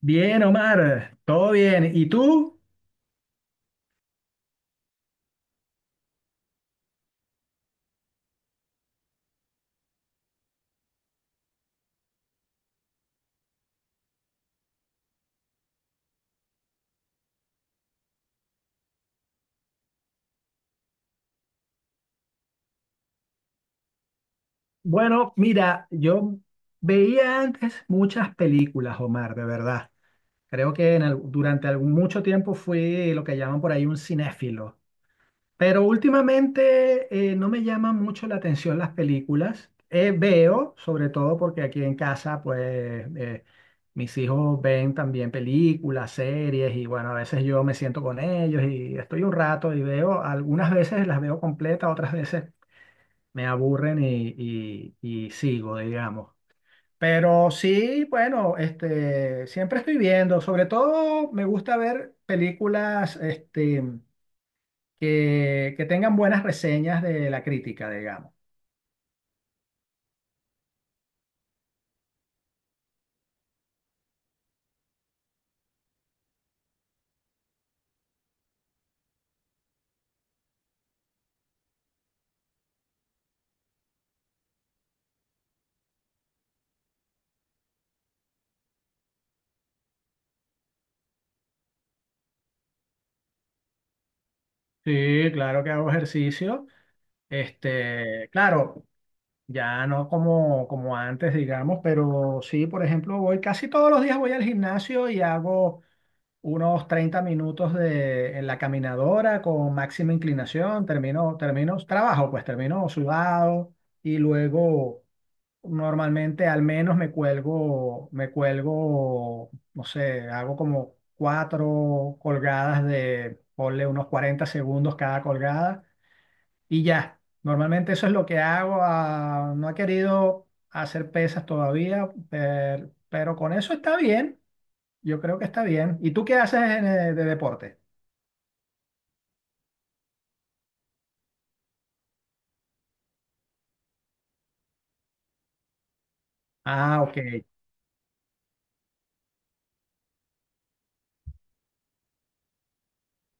Bien, Omar, todo bien. ¿Y tú? Bueno, mira, yo veía antes muchas películas, Omar, de verdad. Creo que durante mucho tiempo fui lo que llaman por ahí un cinéfilo. Pero últimamente no me llaman mucho la atención las películas. Veo, sobre todo porque aquí en casa, pues eh, mis hijos ven también películas, series y bueno, a veces yo me siento con ellos y estoy un rato y veo, algunas veces las veo completas, otras veces me aburren y sigo, digamos. Pero sí, bueno, este, siempre estoy viendo, sobre todo me gusta ver películas este, que tengan buenas reseñas de la crítica, digamos. Sí, claro que hago ejercicio. Este, claro, ya no como antes, digamos, pero sí, por ejemplo, voy casi todos los días voy al gimnasio y hago unos 30 minutos en la caminadora con máxima inclinación, termino trabajo, pues termino sudado y luego normalmente al menos me cuelgo, no sé, hago como cuatro colgadas de, ponle unos 40 segundos cada colgada y ya. Normalmente eso es lo que hago. Ah, no he querido hacer pesas todavía, pero con eso está bien. Yo creo que está bien. ¿Y tú qué haces de deporte? Ah, ok,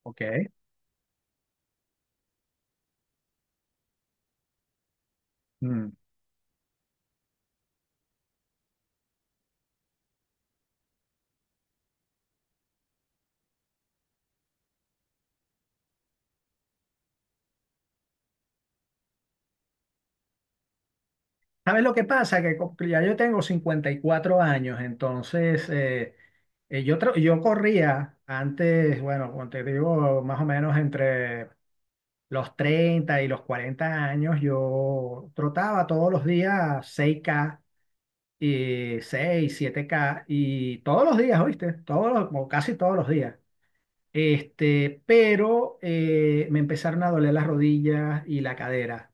ok. Mm. ¿Sabes lo que pasa? Que ya yo tengo 54 años, entonces yo corría antes, bueno, como te digo, más o menos entre los 30 y los 40 años, yo trotaba todos los días 6 k y seis, 7 k y todos los días, ¿oíste? O casi todos los días. Este, pero me empezaron a doler las rodillas y la cadera.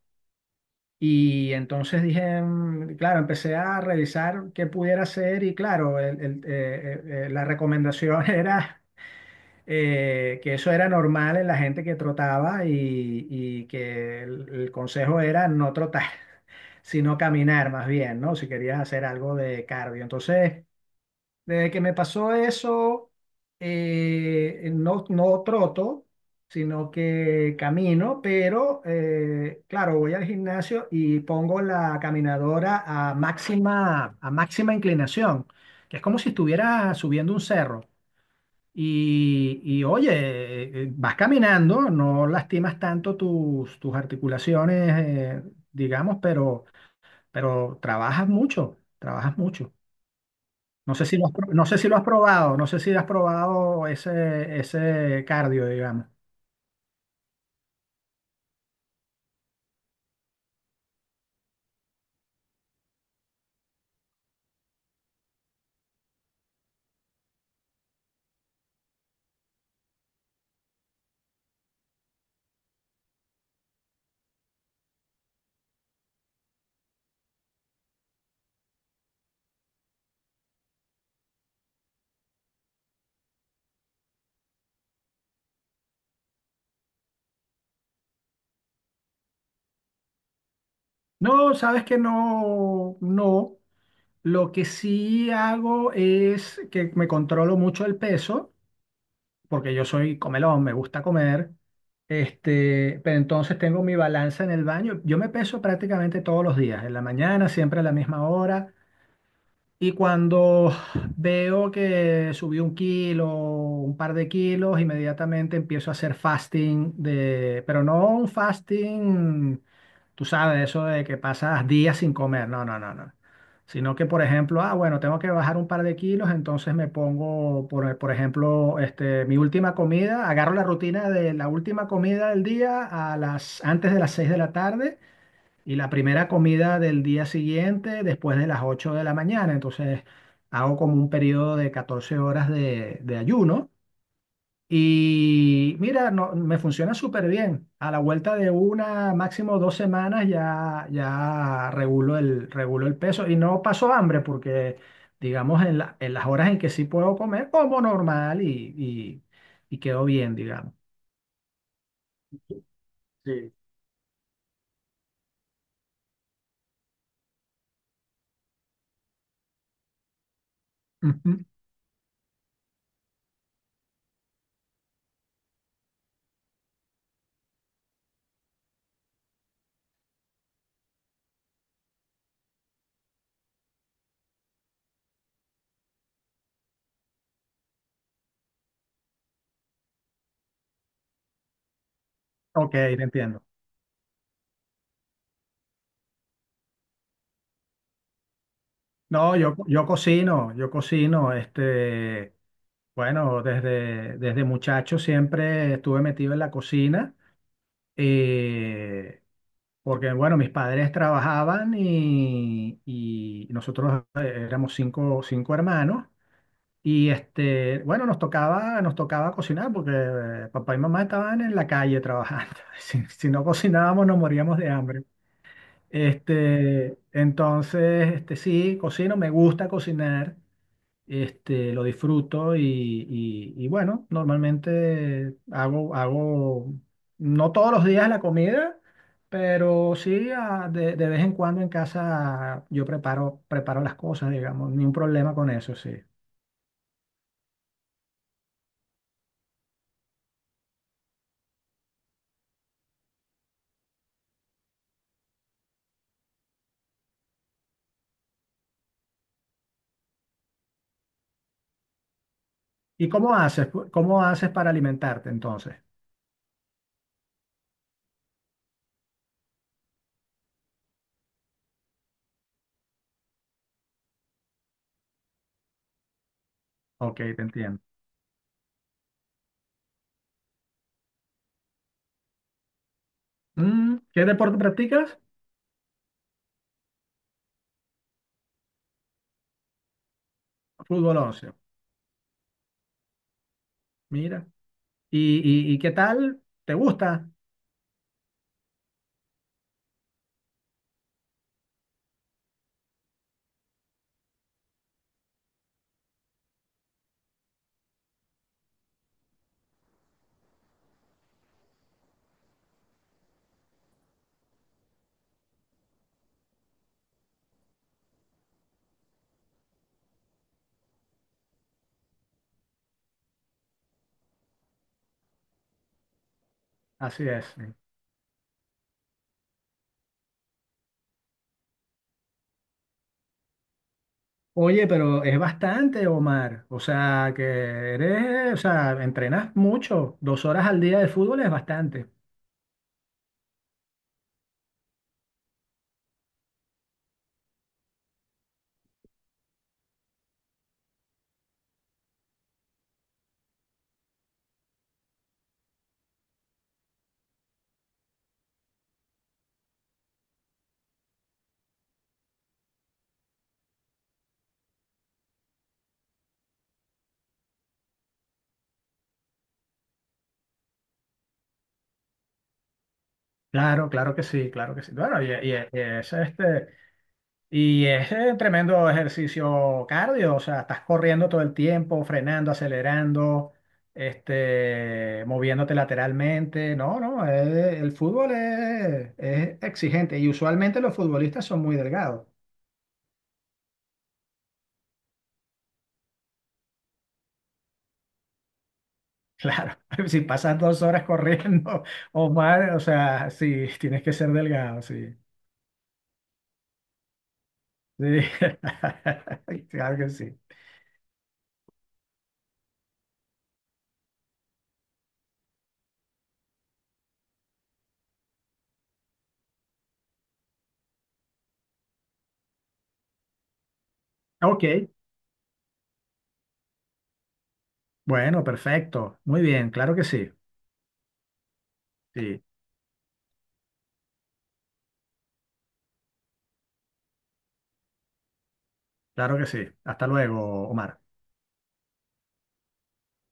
Y entonces dije, claro, empecé a revisar qué pudiera hacer y claro, la recomendación era que eso era normal en la gente que trotaba y que el consejo era no trotar, sino caminar más bien, ¿no? Si querías hacer algo de cardio. Entonces desde que me pasó eso, no, no troto, sino que camino, pero claro, voy al gimnasio y pongo la caminadora a máxima inclinación, que es como si estuviera subiendo un cerro. Y, oye, vas caminando, no lastimas tanto tus articulaciones, digamos, pero, trabajas mucho, trabajas mucho. No sé si has probado ese, ese cardio, digamos. No, sabes que no, no. Lo que sí hago es que me controlo mucho el peso, porque yo soy comelón, me gusta comer. Este, pero entonces tengo mi balanza en el baño. Yo me peso prácticamente todos los días, en la mañana, siempre a la misma hora. Y cuando veo que subí un kilo, un par de kilos, inmediatamente empiezo a hacer fasting de, pero no un fasting, tú sabes, eso de que pasas días sin comer, no, no, no, no. Sino que, por ejemplo, ah, bueno, tengo que bajar un par de kilos, entonces me pongo, por ejemplo, este, mi última comida, agarro la rutina de la última comida del día a las, antes de las 6 de la tarde y la primera comida del día siguiente, después de las 8 de la mañana. Entonces hago como un periodo de 14 horas de ayuno. Y mira, no, me funciona súper bien. A la vuelta de una, máximo 2 semanas, ya regulo el peso. Y no paso hambre porque, digamos, en las horas en que sí puedo comer, como normal y quedo bien, digamos. Sí. Ujú. Ok, te entiendo. No, yo cocino, este, bueno, desde muchacho siempre estuve metido en la cocina, eh, porque, bueno, mis padres trabajaban y nosotros éramos cinco hermanos y, este, bueno, nos tocaba cocinar porque papá y mamá estaban en la calle trabajando. Si no cocinábamos nos moríamos de hambre. Este, entonces, este, sí, cocino, me gusta cocinar. Este, lo disfruto y bueno, normalmente no todos los días la comida, pero sí de vez en cuando en casa yo preparo las cosas, digamos, ni un problema con eso, sí. ¿Y cómo haces? ¿Cómo haces para alimentarte entonces? Ok, te entiendo. Mm, ¿qué deporte practicas? Fútbol 11. Mira. ¿Y, y qué tal? ¿Te gusta? Así es. Oye, pero es bastante, Omar. O sea, que eres, o sea, entrenas mucho. 2 horas al día de fútbol es bastante. Claro, claro que sí, claro que sí. Bueno, y es este, y es tremendo ejercicio cardio. O sea, estás corriendo todo el tiempo, frenando, acelerando, este, moviéndote lateralmente. No, no, el fútbol es exigente. Y usualmente los futbolistas son muy delgados. Claro, si pasas 2 horas corriendo o más, o sea, sí, tienes que ser delgado, sí. Sí, claro que sí. Ok, bueno, perfecto. Muy bien, claro que sí. Sí, claro que sí. Hasta luego, Omar.